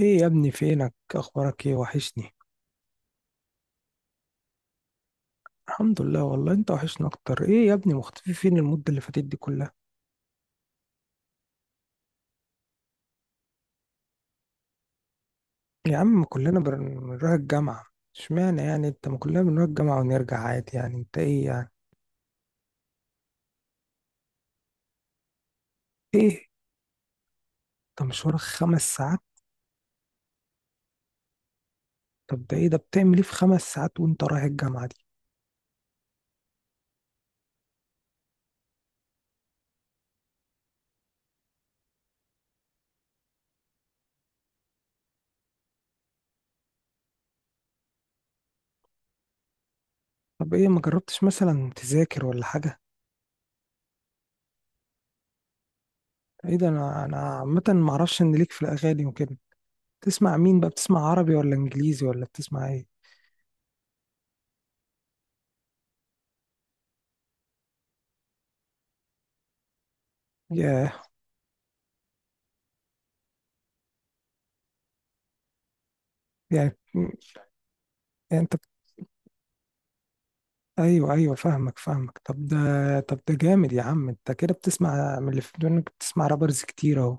ايه يا ابني؟ فينك؟ اخبارك ايه؟ وحشني. الحمد لله، والله انت وحشنا اكتر. ايه يا ابني مختفي فين المدة اللي فاتت دي كلها؟ يا عم، ما كلنا بنروح الجامعة. اشمعنى يعني انت؟ ما كلنا بنروح الجامعة ونرجع عادي. يعني انت ايه يعني؟ ايه؟ انت مشوارك 5 ساعات؟ طب ده ايه ده؟ بتعمل ايه في 5 ساعات وانت رايح الجامعة دي؟ طب ايه؟ ما جربتش مثلا تذاكر ولا حاجة؟ ايه ده؟ انا عامة ما اعرفش ان ليك في الاغاني وكده. تسمع مين بقى؟ بتسمع عربي ولا انجليزي ولا بتسمع ايه؟ ياه. يعني انت. ايوه، ايوه، فاهمك، فاهمك. طب ده. طب ده جامد يا عم. انت كده بتسمع من اللي في ودنك، بتسمع رابرز كتير اهو.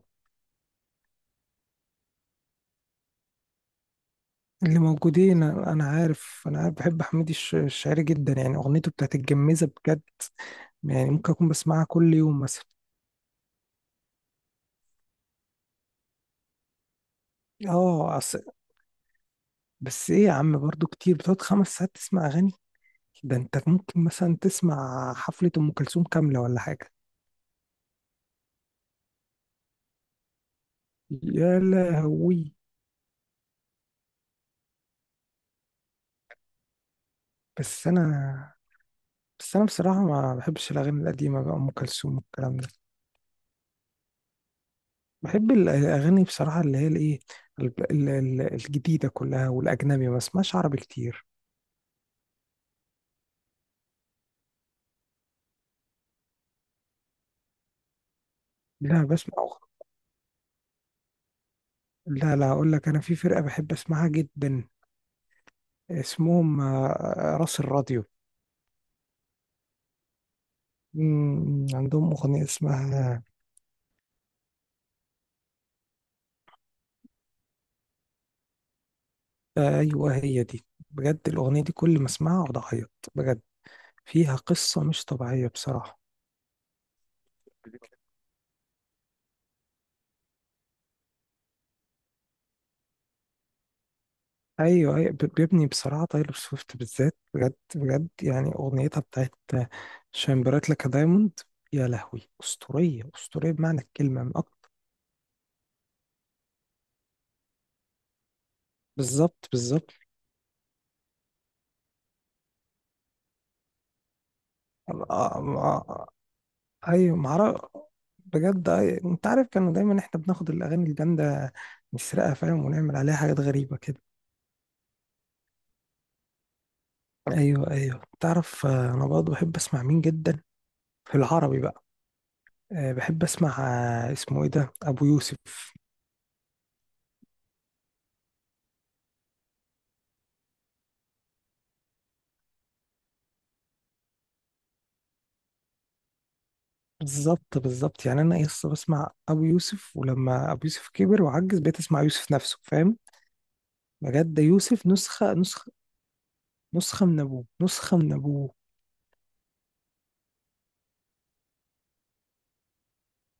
اللي موجودين، انا عارف، انا عارف بحب حميد الشاعري جدا. يعني اغنيته بتاعت الجميزه بجد. يعني ممكن اكون بسمعها كل يوم مثلا. اه. بس ايه يا عم؟ برضو كتير بتقعد 5 ساعات تسمع اغاني؟ ده انت ممكن مثلا تسمع حفله ام كلثوم كامله ولا حاجه. يا لهوي. بس انا بس انا بصراحه ما بحبش الاغاني القديمه بقى، ام كلثوم والكلام ده. بحب الأغاني بصراحة اللي هي الإيه، الجديدة كلها. والأجنبي ما بسمعش عربي كتير. لا، لا، لا، أقول لك أنا في فرقة بحب أسمعها جدا. اسمهم راس الراديو. عندهم أغنية اسمها. أيوه هي دي. بجد الأغنية دي كل ما أسمعها أقعد أعيط بجد. فيها قصة مش طبيعية بصراحة. ايوه، ايوه، بيبني بصراحه. تايلور سويفت بالذات بجد بجد. يعني اغنيتها بتاعت شاين برايت لك دايموند. يا لهوي، اسطوريه اسطوريه بمعنى الكلمه، من اكتر. بالظبط، بالظبط. آه، آه، آه. ايوه، معرف. بجد أيوة. انت عارف، كانوا دايما احنا بناخد الاغاني الجامده نسرقها، فاهم، ونعمل عليها حاجات غريبه كده. ايوه، ايوه، تعرف. انا برضه بحب اسمع مين جدا، في العربي بقى. بحب اسمع اسمه ايه ده؟ ابو يوسف. بالظبط، بالظبط. يعني انا لسه بسمع ابو يوسف، ولما ابو يوسف كبر وعجز بقيت اسمع يوسف نفسه، فاهم. بجد ده يوسف نسخه نسخه، نسخه من ابوه، نسخه من ابوه.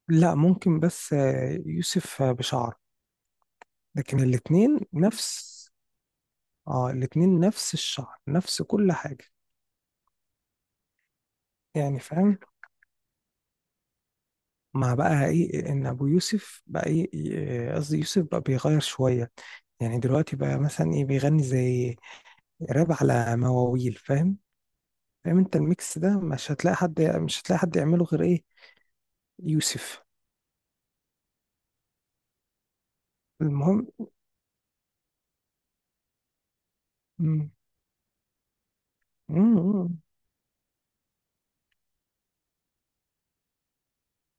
لا، ممكن، بس يوسف بشعر، لكن الاتنين نفس. اه، الاتنين نفس الشعر، نفس كل حاجه. يعني فاهم؟ مع بقى ايه ان ابو يوسف بقى ايه، إيه، قصدي يوسف بقى بيغير شويه. يعني دلوقتي بقى مثلا ايه؟ بيغني زي راب على مواويل، فاهم. فاهم انت الميكس ده مش هتلاقي حد، مش هتلاقي حد يعمله غير ايه؟ يوسف. المهم. مم. مم.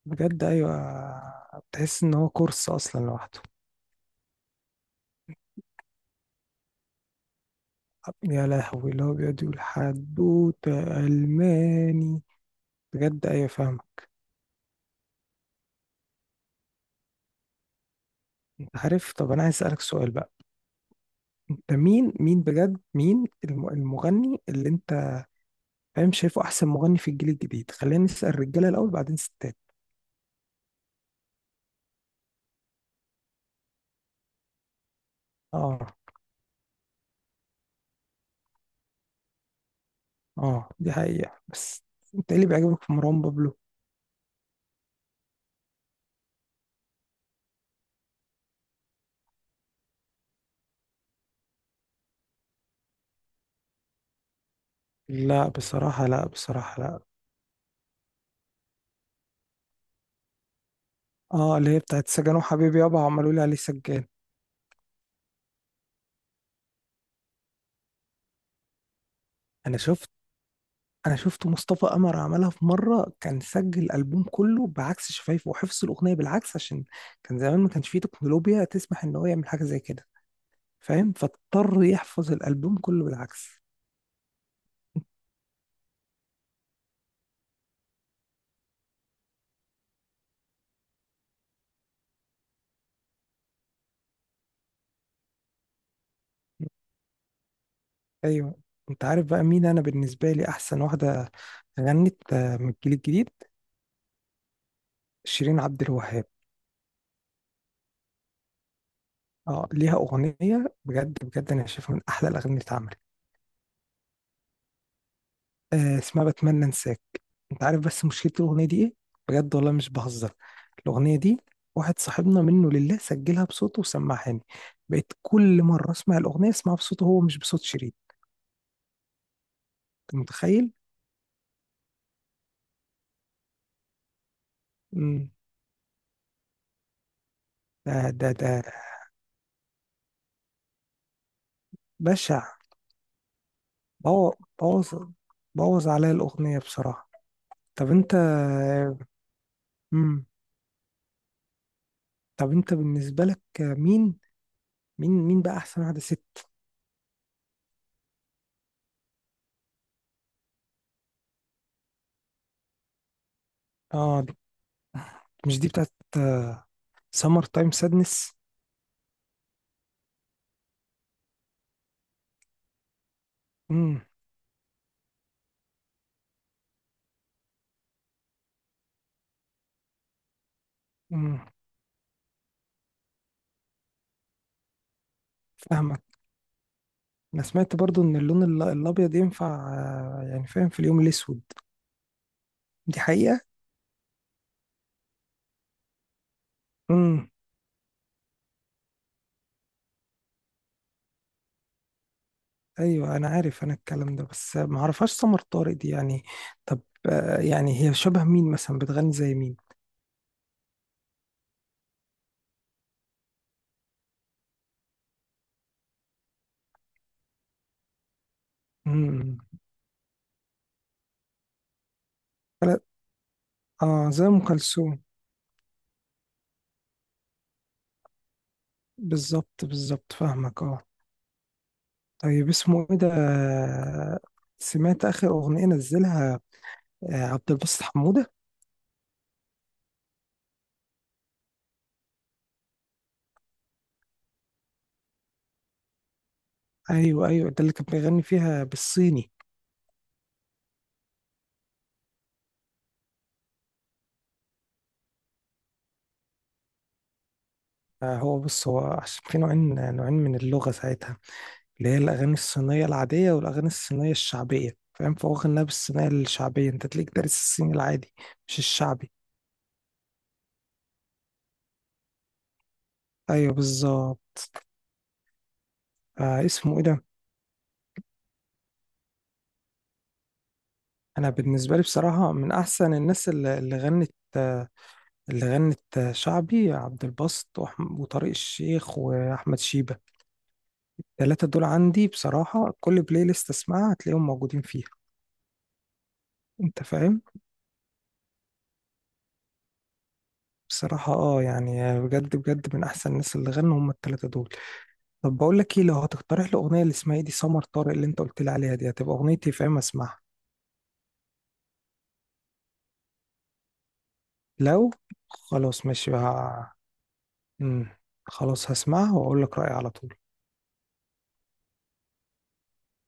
بجد، ايوه. بتحس ان هو كورس اصلا لوحده. يا لهوي، اللي هو بيقعد يقول حدوته الماني. بجد، ايوه، فاهمه. انت عارف؟ طب انا عايز اسالك سؤال بقى. انت مين بجد، مين المغني اللي انت فاهم، شايفه احسن مغني في الجيل الجديد؟ خلينا نسال الرجاله الاول، بعدين ستات. اه. اه، دي حقيقه بس. انت ايه اللي بيعجبك في مروان بابلو؟ لا بصراحة، لا بصراحة، لا. اه، اللي هي بتاعت سجن وحبيبي يابا عملوا لي عليه سجان. انا شفت. انا شفت مصطفى قمر عملها في مرة، كان سجل الالبوم كله بعكس شفايفه وحفظ الاغنية بالعكس عشان كان زمان ما كانش فيه تكنولوجيا تسمح ان هو يعمل حاجة زي كده، فاهم، فاضطر يحفظ الالبوم كله بالعكس. ايوه. انت عارف بقى مين انا بالنسبة لي احسن واحدة غنت من الجيل الجديد؟ شيرين عبد الوهاب. اه، ليها اغنية بجد بجد انا شايفها من احلى الاغاني اللي اتعملت. اسمها بتمنى انساك. انت عارف بس مشكلة الأغنية دي ايه؟ بجد والله مش بهزر. الأغنية دي، واحد صاحبنا منه لله سجلها بصوته وسمعهاني، بقيت كل مرة اسمع الأغنية اسمعها بصوته هو، مش بصوت شريط. انت متخيل؟ مم. ده. بشع. بوظ. بوظ. بوظ عليا الأغنية بصراحة. طب انت. مم. طب انت بالنسبة لك مين؟ مين بقى أحسن واحدة ست؟ اه، مش دي بتاعت سمر تايم سادنس؟ فاهمك. انا سمعت برضو ان اللون الابيض ينفع يعني فاهم في اليوم الاسود. دي حقيقة. امم. ايوه انا عارف انا الكلام ده، بس ما اعرفهاش سمر طارق دي يعني. طب يعني هي شبه مين مثلا؟ بتغني زي مين؟ امم. لا. اه، زي ام كلثوم. بالظبط، بالظبط، فاهمك، اه. طيب اسمه ايه ده سمعت اخر اغنية نزلها عبد الباسط حمودة؟ ايوه، ايوه، ده اللي كان بيغني فيها بالصيني. هو بص، هو عشان في نوعين نوعين من اللغة ساعتها، اللي هي الأغاني الصينية العادية والأغاني الصينية الشعبية، فاهم، فهو غناها بالصينية الشعبية. أنت تلاقيك دارس الصيني العادي، مش الشعبي. أيوه بالظبط. اسمه إيه ده؟ أنا بالنسبة لي بصراحة من أحسن الناس اللي غنت اللي غنت شعبي، عبد الباسط وطارق الشيخ وأحمد شيبة. التلاتة دول عندي بصراحة، كل بلاي ليست أسمعها هتلاقيهم موجودين فيها. أنت فاهم؟ بصراحة اه، يعني بجد بجد من أحسن الناس اللي غنوا هم التلاتة دول. طب بقول لك ايه؟ لو هتقترح لي اغنيه لاسماعيلي سمر طارق اللي انت قلت لي عليها دي، هتبقى اغنيتي في اما اسمعها. لو، خلاص ماشي بقى. امم. خلاص هسمعها واقول لك رايي على طول.